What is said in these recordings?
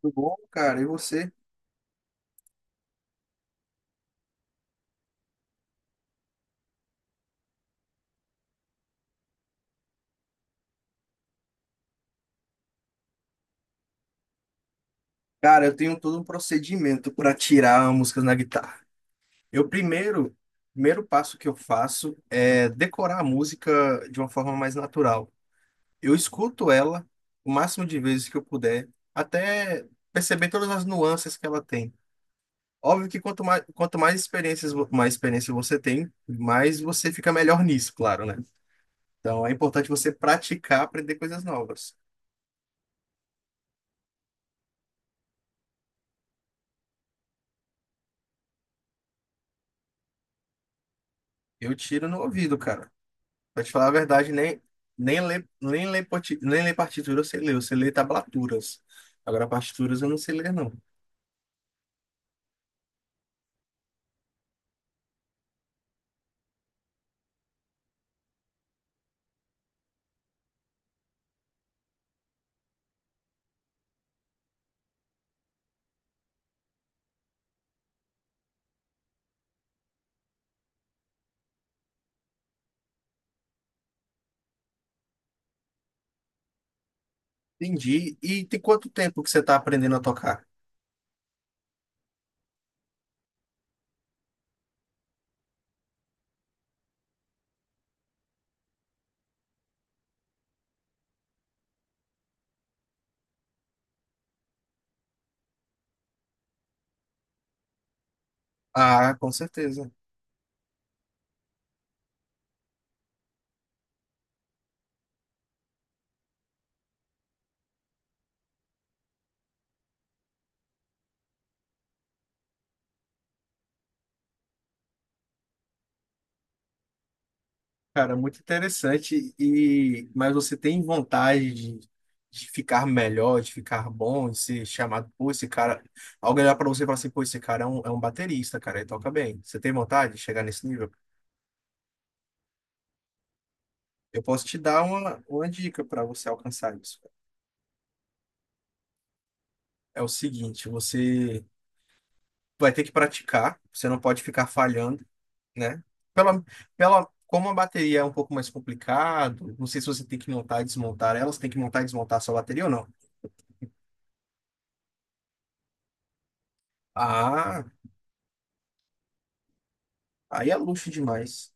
Tudo bom, cara? E você? Cara, eu tenho todo um procedimento para tirar músicas na guitarra. Eu primeiro, Primeiro passo que eu faço é decorar a música de uma forma mais natural. Eu escuto ela o máximo de vezes que eu puder, até perceber todas as nuances que ela tem. Óbvio que quanto mais experiências, mais experiência você tem, mais você fica melhor nisso, claro, né? Então é importante você praticar, aprender coisas novas. Eu tiro no ouvido, cara. Pra te falar a verdade, nem ler partitura eu sei ler tablaturas. Agora, partituras eu não sei ler, não. Entendi. E tem quanto tempo que você tá aprendendo a tocar? Ah, com certeza. Cara, muito interessante. E mas você tem vontade de ficar melhor, de ficar bom, de ser chamado, pô, esse cara. Alguém olhar pra você e falar assim, pô, esse cara é um baterista, cara, ele toca bem. Você tem vontade de chegar nesse nível? Eu posso te dar uma dica para você alcançar isso. É o seguinte, você vai ter que praticar, você não pode ficar falhando, né? Pela, como a bateria é um pouco mais complicado, não sei se você tem que montar e desmontar ela, você tem que montar e desmontar a sua bateria ou não. Ah, aí é luxo demais.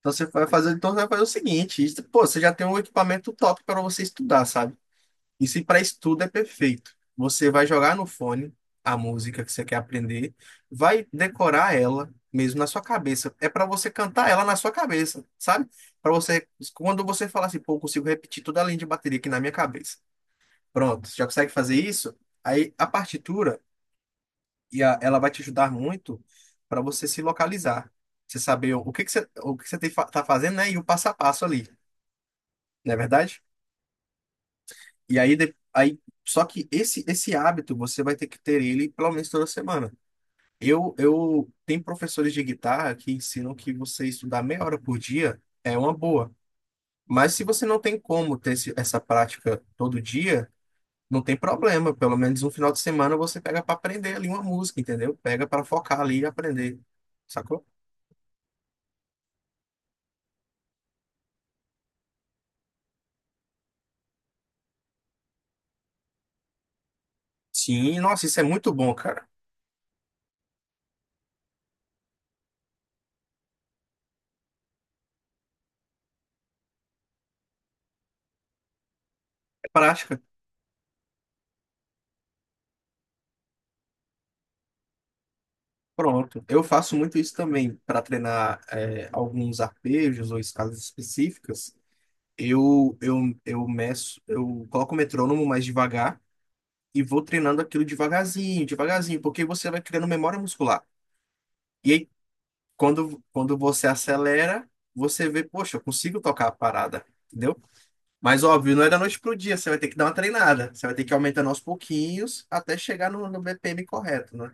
Então você vai fazer o seguinte, pô, você já tem um equipamento top para você estudar, sabe? Isso para estudo é perfeito. Você vai jogar no fone a música que você quer aprender, vai decorar ela mesmo na sua cabeça. É para você cantar ela na sua cabeça, sabe? Para você, quando você falar assim, pô, eu consigo repetir toda a linha de bateria aqui na minha cabeça. Pronto, já consegue fazer isso? Aí a partitura ela vai te ajudar muito para você se localizar, você saber o que que você, o que você tem, tá fazendo, né? E o passo a passo ali, não é verdade? E aí, aí só que esse hábito você vai ter que ter ele pelo menos toda semana. Eu tem professores de guitarra que ensinam que você estudar meia hora por dia é uma boa. Mas se você não tem como ter essa prática todo dia, não tem problema. Pelo menos um final de semana você pega para aprender ali uma música, entendeu? Pega para focar ali e aprender. Sacou? Sim, nossa, isso é muito bom, cara. É prática. Pronto. Eu faço muito isso também para treinar alguns arpejos ou escalas específicas. Eu, eu, eu coloco o metrônomo mais devagar e vou treinando aquilo devagarzinho, devagarzinho, porque você vai criando memória muscular. E aí, quando você acelera, você vê, poxa, eu consigo tocar a parada, entendeu? Mas óbvio, não é da noite pro dia, você vai ter que dar uma treinada. Você vai ter que aumentar aos pouquinhos até chegar no BPM correto, né?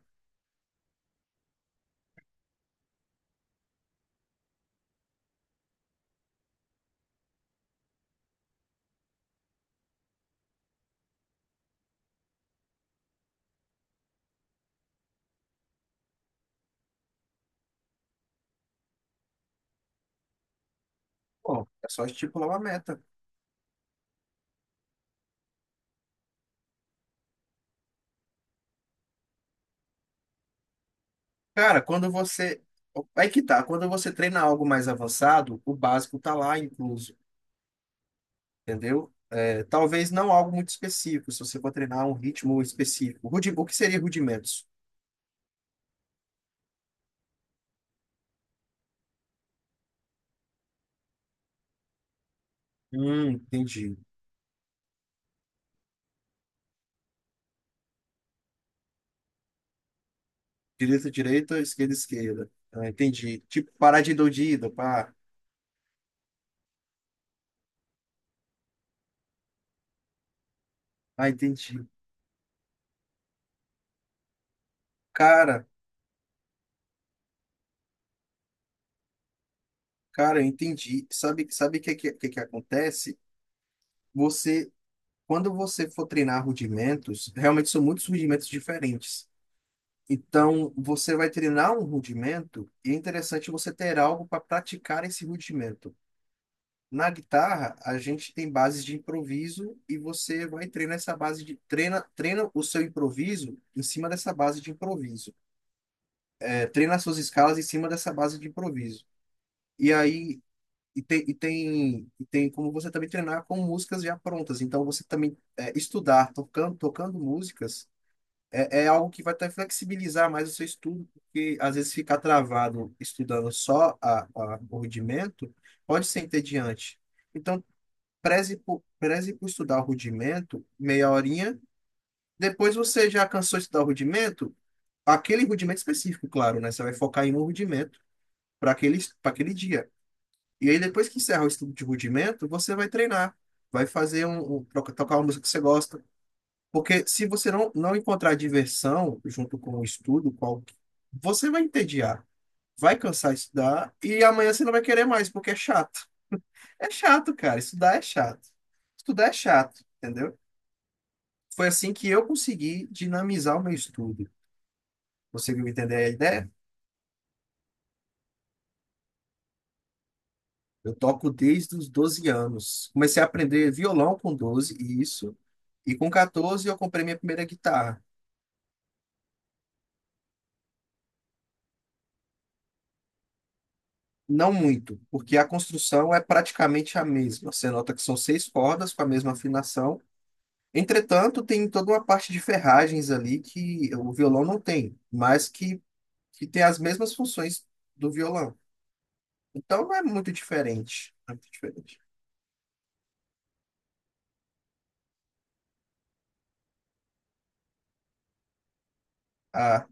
Bom, é só estipular uma meta. Cara, quando você. Aí que tá, quando você treina algo mais avançado, o básico tá lá incluso, entendeu? É, talvez não algo muito específico, se você for treinar um ritmo específico. O que seria rudimentos? Entendi. Direita, direita, esquerda, esquerda. Ah, entendi. Tipo, paradinha doidida, pá. Ah, entendi. Cara, cara, eu entendi. Sabe o que que acontece? Você, quando você for treinar rudimentos, realmente são muitos rudimentos diferentes. Então, você vai treinar um rudimento e é interessante você ter algo para praticar esse rudimento. Na guitarra, a gente tem bases de improviso e você vai treinar essa base de treina o seu improviso em cima dessa base de improviso. É, treina as suas escalas em cima dessa base de improviso. E aí tem como você também treinar com músicas já prontas. Então, você também estudar tocando músicas. É, é algo que vai até flexibilizar mais o seu estudo, porque às vezes ficar travado estudando só o rudimento pode ser entediante. Então, preze por estudar o rudimento meia horinha. Depois você já cansou de estudar o rudimento, aquele rudimento específico, claro, né? Você vai focar em um rudimento para aquele dia. E aí, depois que encerrar o estudo de rudimento, você vai treinar, vai fazer tocar uma música que você gosta. Porque se você não encontrar diversão junto com o estudo, você vai entediar, vai cansar de estudar e amanhã você não vai querer mais, porque é chato. É chato, cara. Estudar é chato. Estudar é chato, entendeu? Foi assim que eu consegui dinamizar o meu estudo. Conseguiu entender a ideia? Eu toco desde os 12 anos. Comecei a aprender violão com 12, isso. E com 14 eu comprei minha primeira guitarra. Não muito, porque a construção é praticamente a mesma. Você nota que são seis cordas com a mesma afinação. Entretanto, tem toda uma parte de ferragens ali que o violão não tem, mas que tem as mesmas funções do violão. Então não é muito diferente. Não é muito diferente. Ah,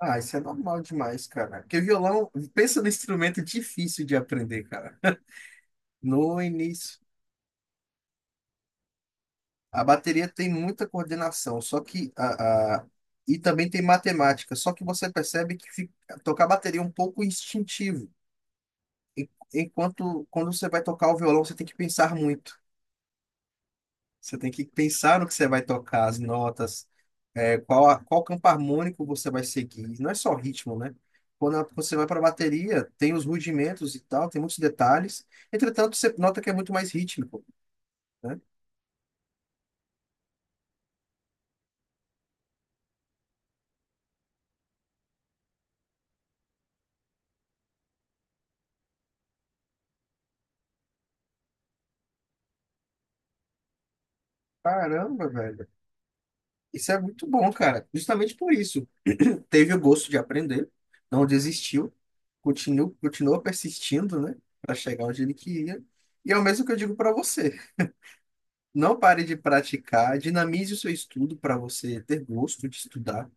ah, isso é normal demais, cara. Porque violão, pensa no instrumento difícil de aprender, cara. No início. A bateria tem muita coordenação, só que e também tem matemática, só que você percebe que tocar bateria é um pouco instintivo. Enquanto quando você vai tocar o violão, você tem que pensar muito. Você tem que pensar no que você vai tocar, as notas, qual campo harmônico você vai seguir. Não é só ritmo, né? Quando você vai para a bateria, tem os rudimentos e tal, tem muitos detalhes. Entretanto, você nota que é muito mais rítmico, né? Caramba, velho. Isso é muito bom, cara. Justamente por isso. Teve o gosto de aprender, não desistiu, continuou, continuou persistindo, né? Para chegar onde ele queria. E é o mesmo que eu digo para você. Não pare de praticar, dinamize o seu estudo para você ter gosto de estudar,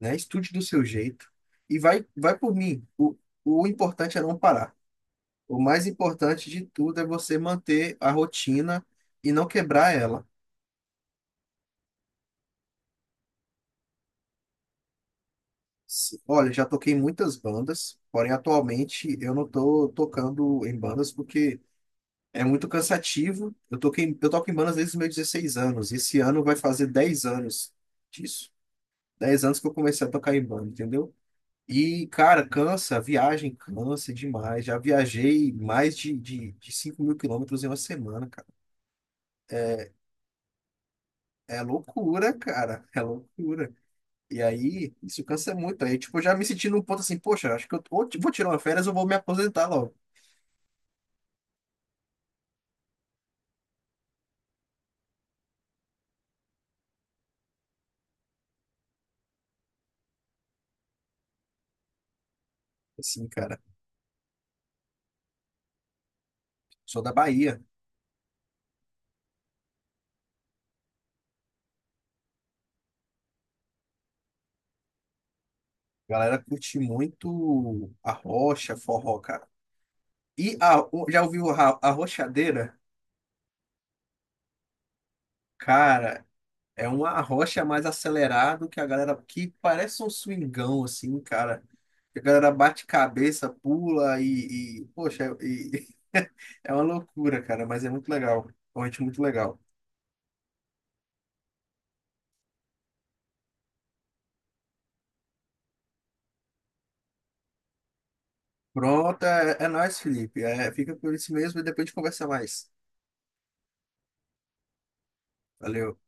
né? Estude do seu jeito. E vai, vai por mim. O importante é não parar. O mais importante de tudo é você manter a rotina e não quebrar ela. Sim. Olha, já toquei em muitas bandas, porém atualmente eu não tô tocando em bandas porque é muito cansativo. Eu toco em bandas desde os meus 16 anos. Esse ano vai fazer 10 anos disso. 10 anos que eu comecei a tocar em banda, entendeu? E, cara, cansa, a viagem cansa demais. Já viajei mais de 5 mil quilômetros em uma semana, cara. É loucura, cara. É loucura. E aí, isso cansa muito. Aí, tipo, eu já me senti num ponto assim, poxa, acho que eu vou tirar uma férias ou vou me aposentar logo. Assim, cara, sou da Bahia. A galera curte muito a rocha, forró, cara. Já ouviu a rochadeira? Cara, é uma arrocha mais acelerado que a galera que parece um swingão, assim, cara. A galera bate cabeça, pula e poxa, é uma loucura, cara, mas é muito legal. É um ritmo muito legal. Pronto, é nóis, Felipe. É, fica por isso mesmo e depois a gente conversa mais. Valeu.